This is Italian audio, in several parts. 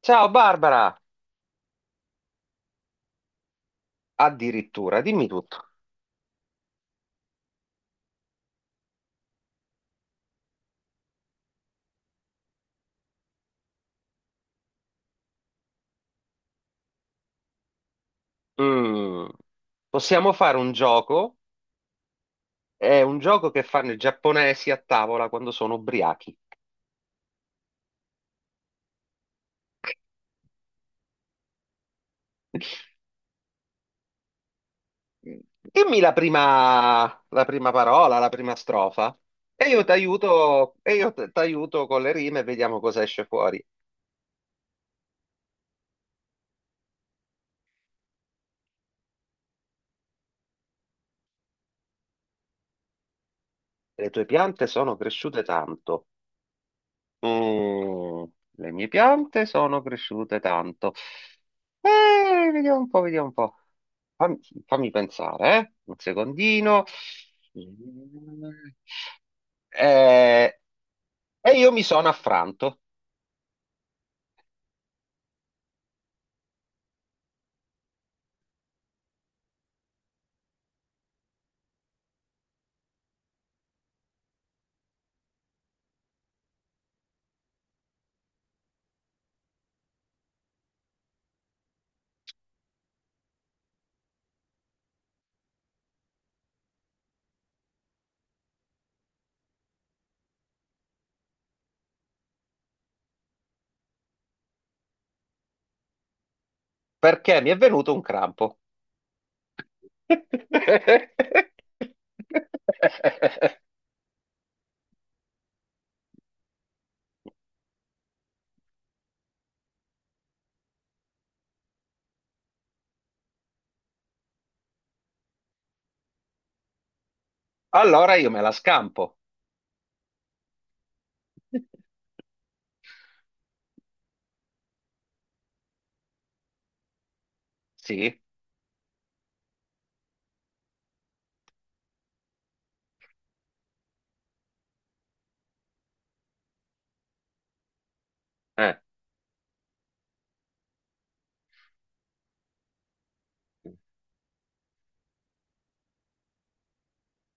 Ciao Barbara, addirittura, dimmi tutto. Mm, Possiamo fare un gioco, è un gioco che fanno i giapponesi a tavola quando sono ubriachi. Dimmi la prima parola, la prima strofa e io ti aiuto, e t'aiuto con le rime e vediamo cosa esce fuori. Le tue piante sono cresciute tanto. Mm, le mie piante sono cresciute tanto. Vediamo un po', vediamo un po'. Fammi, Fammi pensare, eh? Un secondino. Eh, e io mi sono affranto perché mi è venuto un crampo. Allora io me la scampo. Sì. eh.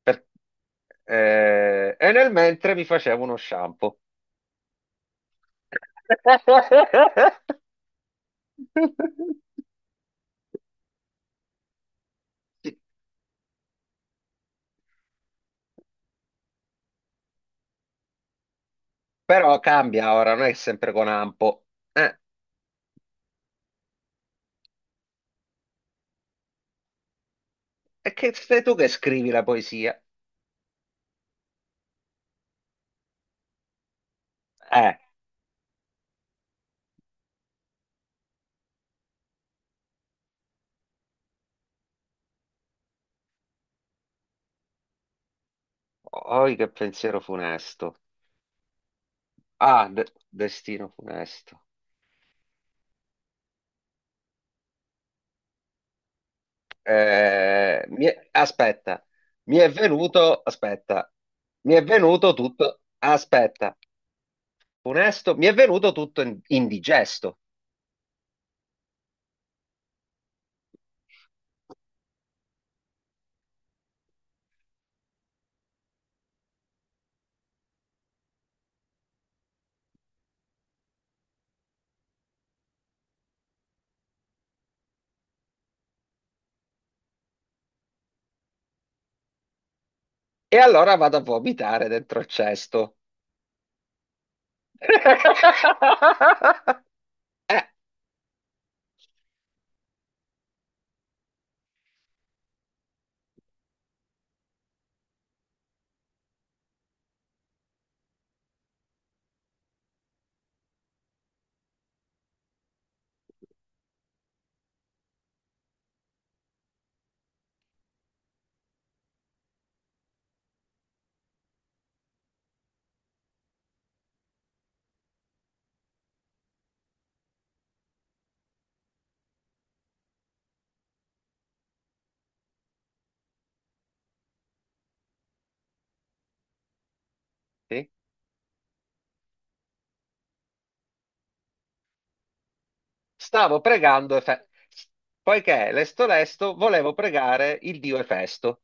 Per- e nel mentre mi facevo uno shampoo. Sì. Però cambia ora, non è sempre con ampo. Eh. E che sei tu che scrivi la poesia? Eh, oi che pensiero funesto. Destino funesto. Eh, mi è- aspetta, Mi è venuto, aspetta, mi è venuto tutto, aspetta, funesto, mi è venuto tutto indigesto. E allora vado a vomitare dentro il cesto. Eh, sì. Stavo pregando, poiché lesto lesto volevo pregare il dio Efesto.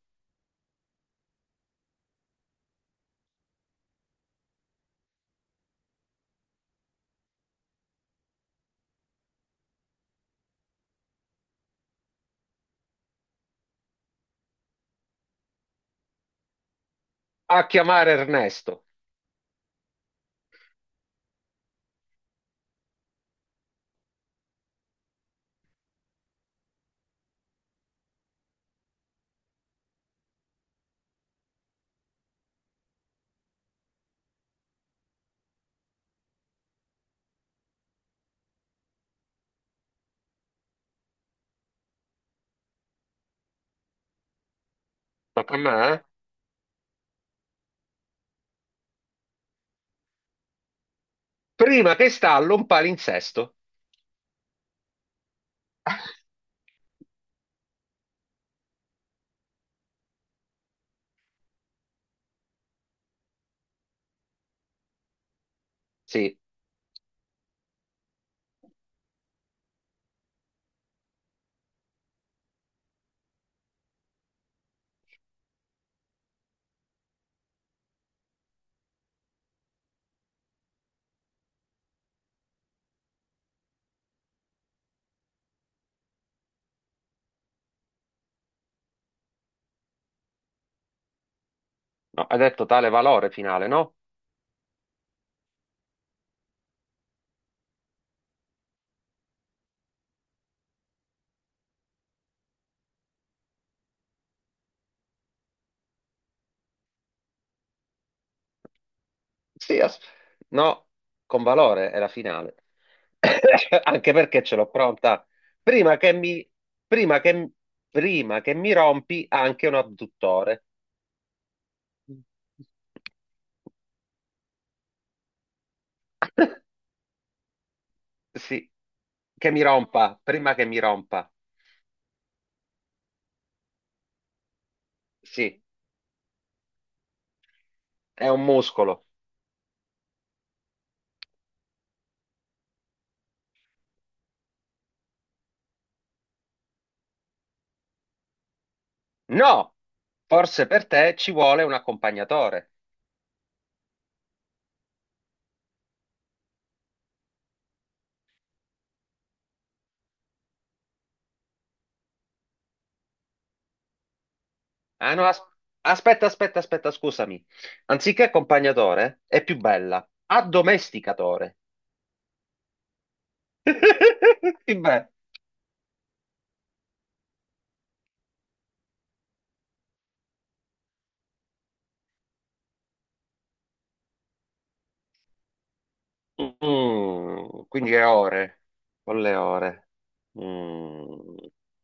A chiamare Ernesto. Ma per me? Prima che stallo un palinsesto. Sì, no, ha detto tale valore finale, no? Sì, as- no, con valore è la finale. Anche perché ce l'ho pronta. Prima che mi, prima che, Prima che mi rompi anche un adduttore. Sì, prima che mi rompa. Sì, è un muscolo. No, forse per te ci vuole un accompagnatore. Ah no, as- Aspetta, aspetta, aspetta, scusami. Anziché accompagnatore, è più bella. Addomesticatore. Sì, beh. Mm, quindi è ore, con le ore. Mm,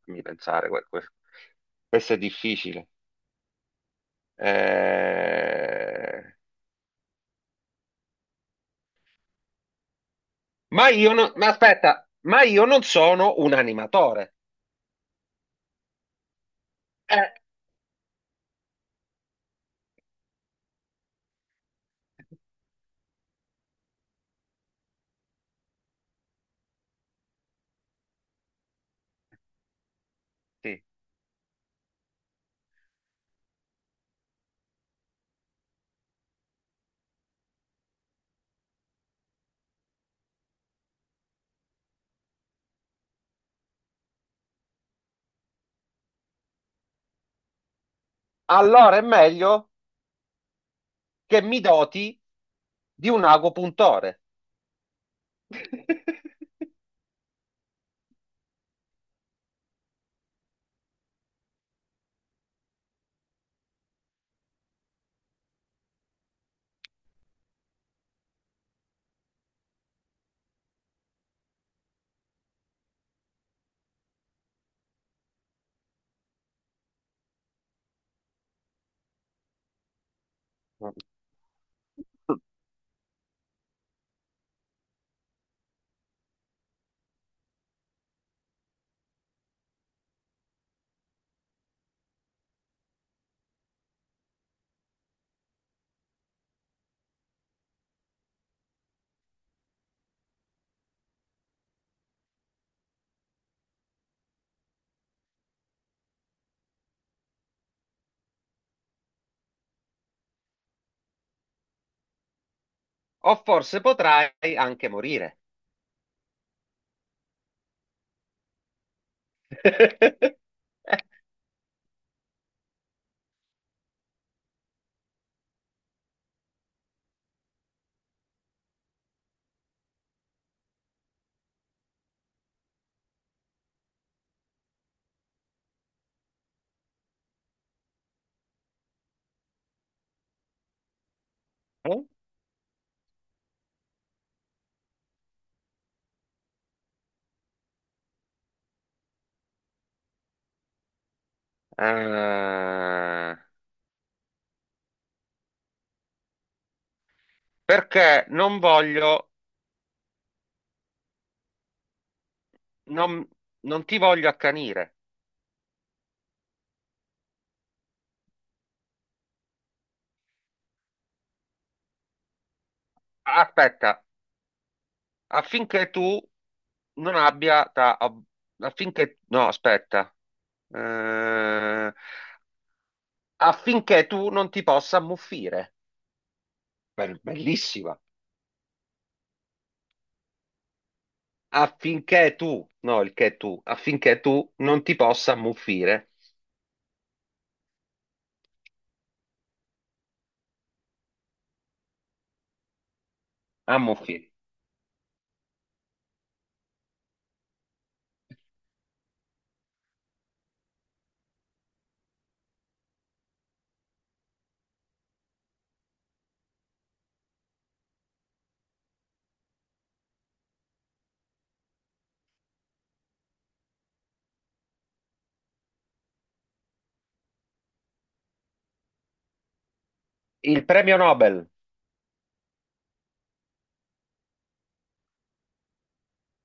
fammi pensare, questo è difficile. Eh, ma aspetta, ma io non sono un animatore. Eh, sì. Allora è meglio che mi doti di un ago puntore. O forse potrai anche morire. Eh, perché non voglio, non, Non ti voglio accanire. Aspetta, affinché tu non abbia da, affinché, no, aspetta, Eh, affinché tu non ti possa ammuffire. Bellissima. Affinché tu non ti possa ammuffire. Ammuffire. Il premio Nobel.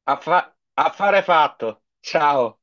Affare fatto. Ciao.